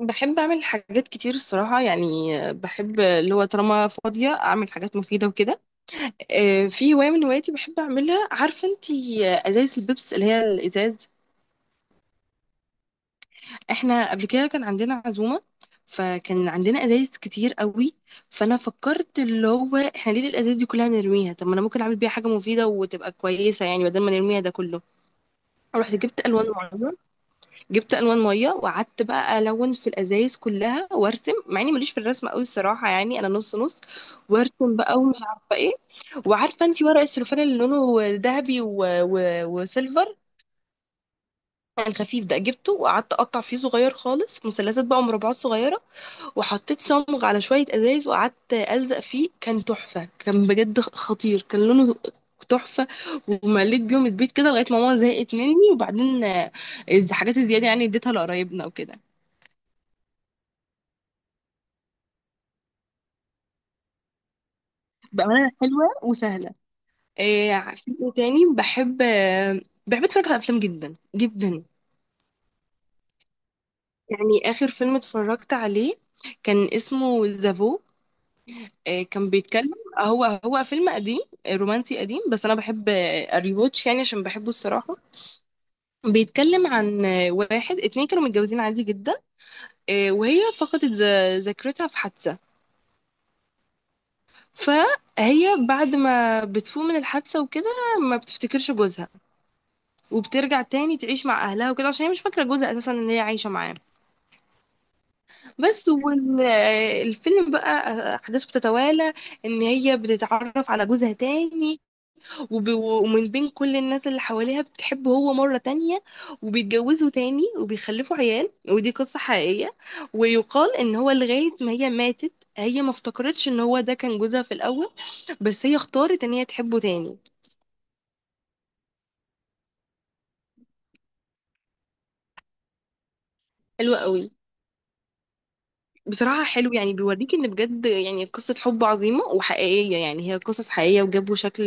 بحب اعمل حاجات كتير الصراحه يعني. بحب اللي هو طالما فاضيه اعمل حاجات مفيده وكده. في هوايه من هواياتي بحب اعملها، عارفه انتي، ازايز البيبس اللي هي الازاز. احنا قبل كده كان عندنا عزومه، فكان عندنا ازايز كتير قوي. فانا فكرت اللي هو احنا ليه الازايز دي كلها نرميها؟ طب ما انا ممكن اعمل بيها حاجه مفيده وتبقى كويسه، يعني بدل ما نرميها ده كله. رحت جبت الوان معينه، جبت الوان ميه وقعدت بقى الون في الازايز كلها وارسم، مع اني ماليش في الرسم قوي الصراحه، يعني انا نص نص، وارسم بقى ومش عارفه ايه. وعارفه انت ورق السلوفان اللي لونه ذهبي وسيلفر، الخفيف ده، جبته وقعدت اقطع فيه صغير خالص، مثلثات بقى ومربعات صغيره، وحطيت صمغ على شويه ازايز وقعدت الزق فيه. كان تحفه، كان بجد خطير، كان لونه تحفه. ومليت بيهم البيت كده لغايه ما ماما زهقت مني، وبعدين الحاجات الزياده يعني اديتها لقرايبنا وكده. بأمانة حلوة وسهلة. إيه عارفين إيه تاني، بحب أتفرج على أفلام جدا جدا. يعني آخر فيلم اتفرجت عليه كان اسمه زافو. إيه كان بيتكلم، هو فيلم قديم، رومانسي قديم، بس أنا بحب أريواتش، يعني عشان بحبه الصراحة. بيتكلم عن واحد اتنين كانوا متجوزين عادي جدا، وهي فقدت ذاكرتها في حادثة. فهي بعد ما بتفوق من الحادثة وكده ما بتفتكرش جوزها، وبترجع تاني تعيش مع اهلها وكده، عشان هي مش فاكره جوزها اساسا ان هي عايشه معاه. بس والفيلم بقى احداثه بتتوالى ان هي بتتعرف على جوزها تاني، ومن بين كل الناس اللي حواليها بتحبه هو مره تانية، وبيتجوزوا تاني وبيخلفوا عيال، ودي قصه حقيقيه. ويقال ان هو لغايه ما هي ماتت، هي ما افتكرتش ان هو ده كان جوزها في الاول، بس هي اختارت ان هي تحبه تاني. حلوه قوي. بصراحة حلو، يعني بيوريك ان بجد يعني قصة حب عظيمة وحقيقية، يعني هي قصص حقيقية وجابوا شكل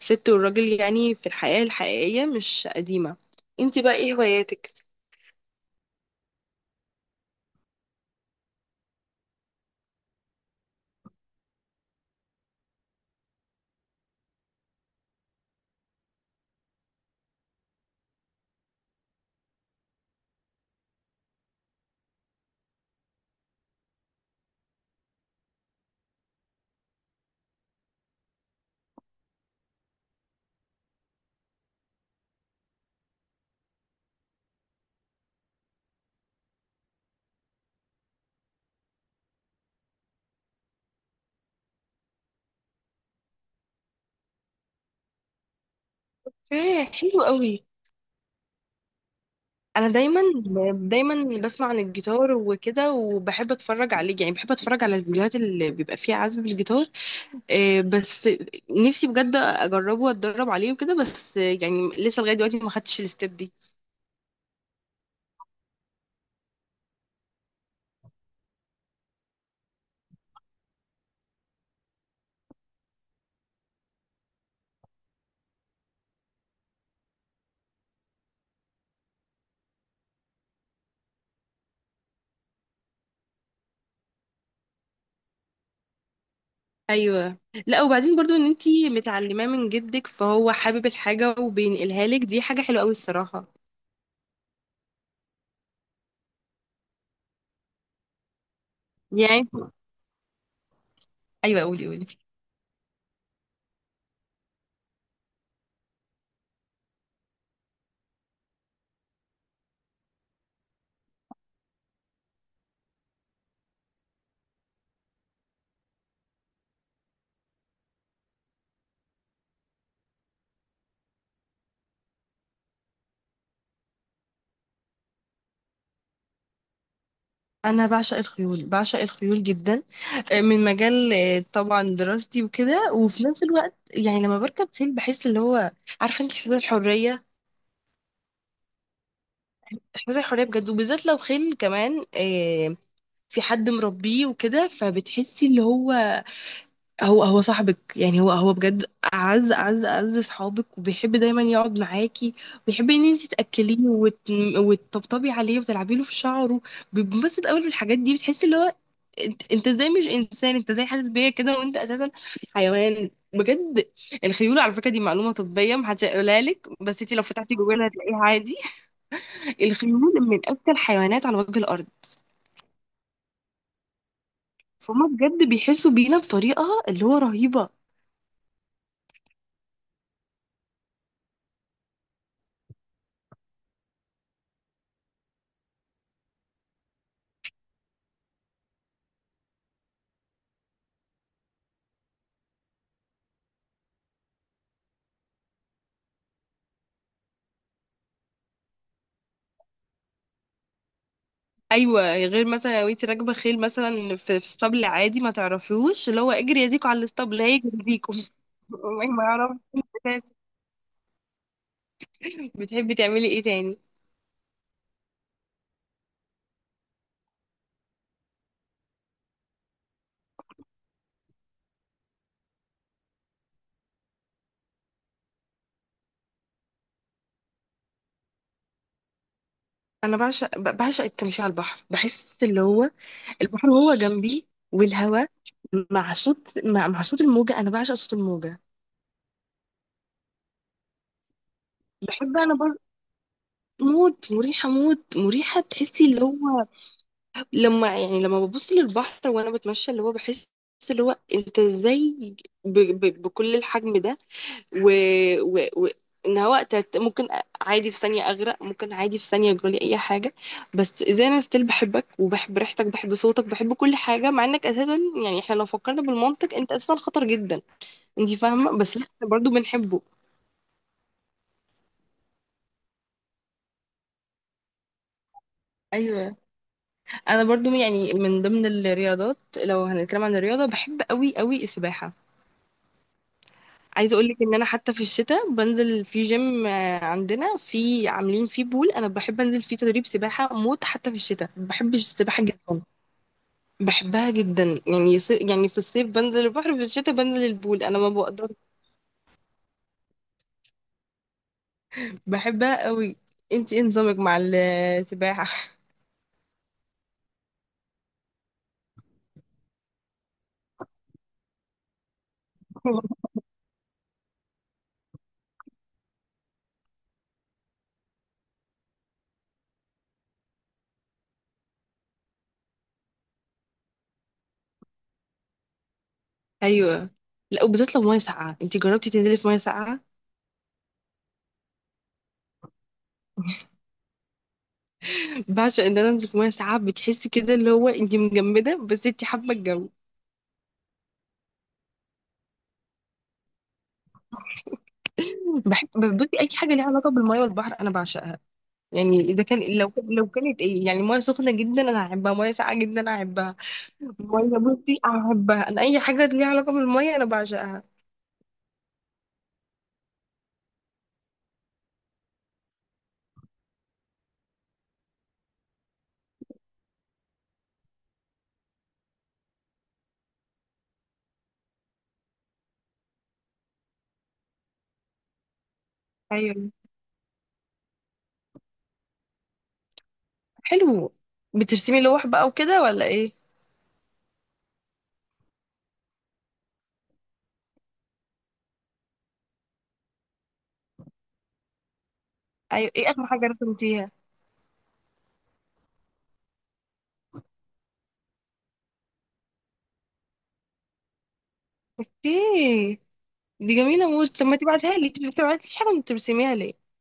الست والراجل، يعني في الحياة الحقيقية مش قديمة. انت بقى ايه هواياتك؟ ايه حلو قوي. انا دايما دايما بسمع عن الجيتار وكده وبحب اتفرج عليه، يعني بحب اتفرج على الفيديوهات اللي بيبقى فيها عزف بالجيتار. إيه، بس نفسي بجد اجربه واتدرب عليه وكده، بس يعني لسه لغاية دلوقتي ما خدتش الستيب دي. ايوه. لا، وبعدين برضو ان انتي متعلماه من جدك، فهو حابب الحاجه وبينقلها لك، دي حاجه حلوه قوي الصراحه يعني. ايوه قولي قولي. انا بعشق الخيول بعشق الخيول جدا، من مجال طبعا دراستي وكده، وفي نفس الوقت يعني لما بركب خيل بحس اللي هو، عارفه انت، احساس الحريه، احساس الحريه بجد، وبالذات لو خيل كمان في حد مربيه وكده، فبتحسي اللي هو هو صاحبك، يعني هو بجد اعز اعز اعز صحابك، وبيحب دايما يقعد معاكي وبيحب ان انت تاكليه وتطبطبي عليه وتلعبي له في شعره، بينبسط قوي بالحاجات دي. بتحسي اللي هو انت ازاي مش انسان، انت ازاي حاسس بيا كده وانت اساسا حيوان بجد. الخيول، على فكره، دي معلومه طبيه محدش هيقولها لك، بس انت لو فتحتي جوجل هتلاقيها عادي. الخيول من اذكى الحيوانات على وجه الارض، فهم بجد بيحسوا بينا بطريقه اللي هو رهيبه. ايوه، غير مثلا لو انت راكبه خيل مثلا في اسطبل عادي ما تعرفيهوش، اللي هو اجري يا زيكو على الاسطبل هيجري يزيكو. والله ما يعرف. بتحبي تعملي ايه تاني؟ انا بعشق بعشق التمشي على البحر، بحس اللي هو البحر هو جنبي والهواء، مع صوت مع صوت الموجه، انا بعشق صوت الموجه. بحب انا برضه. موت مريحه موت مريحه، تحسي اللي هو لما، يعني لما ببص للبحر وانا بتمشى اللي هو بحس، اللي هو انت ازاي بكل الحجم ده، و... و... و... ان هو ممكن عادي في ثانيه اغرق، ممكن عادي في ثانيه يجرالي اي حاجه، بس زي انا ستيل بحبك وبحب ريحتك، بحب صوتك، بحب كل حاجه مع انك اساسا، يعني احنا لو فكرنا بالمنطق انت اساسا خطر جدا. انت فاهمه، بس لا، احنا برضو بنحبه. ايوه. انا برضو، يعني من ضمن الرياضات، لو هنتكلم عن الرياضه، بحب قوي قوي السباحه. عايزه اقول لك ان انا حتى في الشتاء بنزل في جيم عندنا، في عاملين فيه بول، انا بحب انزل فيه تدريب سباحه موت، حتى في الشتاء بحب السباحه جدا. بحبها جدا، يعني يعني في الصيف بنزل البحر، في الشتاء بنزل البول، انا ما بقدر. بحبها قوي. انت ايه نظامك مع السباحه؟ ايوه، لا وبالذات لو ميه ساقعه، انت جربتي تنزلي في ميه ساقعه؟ بعشق ان انا انزل في ميه ساقعه، بتحسي كده اللي هو انت مجمده بس انت حابه الجو. بحب، بصي، اي حاجه ليها علاقه بالميه والبحر انا بعشقها. يعني اذا كان لو كانت ايه، يعني ميه سخنه جدا انا احبها، ميه ساقعه جدا انا احبها. ميه، بصي، احبها انا، اي حاجه ليها علاقه بالميه انا بعشقها. ايوه حلو. بترسمي لوح بقى وكده ولا ايه؟ ايوه، ايه اخر حاجه رسمتيها؟ اوكي، دي جميله موت، طب ما تبعتها لي انت، ما بتبعتليش حاجه وانت بترسميها ليه؟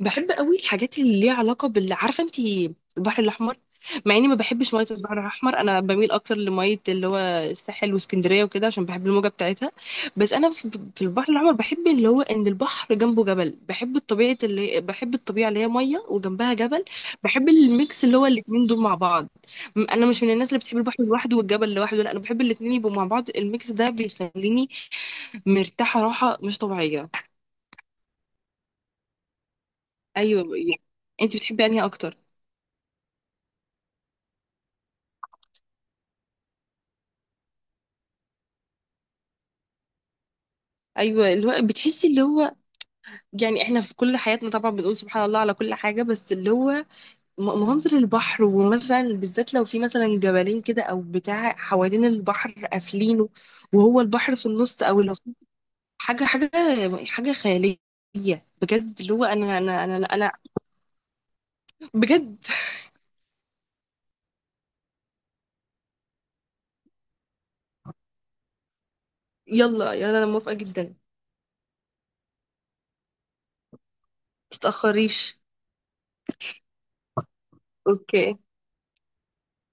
بحب قوي الحاجات اللي ليها علاقه بال، عارفه انت، البحر الاحمر، مع اني ما بحبش ميه البحر الاحمر، انا بميل اكتر لميه اللي هو الساحل واسكندريه وكده، عشان بحب الموجه بتاعتها. بس انا في البحر الاحمر بحب اللي هو ان البحر جنبه جبل، بحب الطبيعه، اللي بحب الطبيعه اللي هي ميه وجنبها جبل، بحب الميكس اللي هو الاتنين دول مع بعض. انا مش من الناس اللي بتحب البحر لوحده والجبل لوحده، لا انا بحب الاتنين يبقوا مع بعض، الميكس ده بيخليني مرتاحه راحه مش طبيعيه. ايوه يعني. انت بتحبي انهي اكتر؟ ايوه اللي هو بتحسي اللي هو، يعني احنا في كل حياتنا طبعا بنقول سبحان الله على كل حاجه، بس اللي هو منظر البحر، ومثلا بالذات لو في مثلا جبلين كده او بتاع حوالين البحر قافلينه وهو البحر في النص، او لو في حاجه حاجه حاجه خياليه بجد، اللي هو انا. بجد يلا يلا انا موافقه جدا. متتاخريش. اوكي.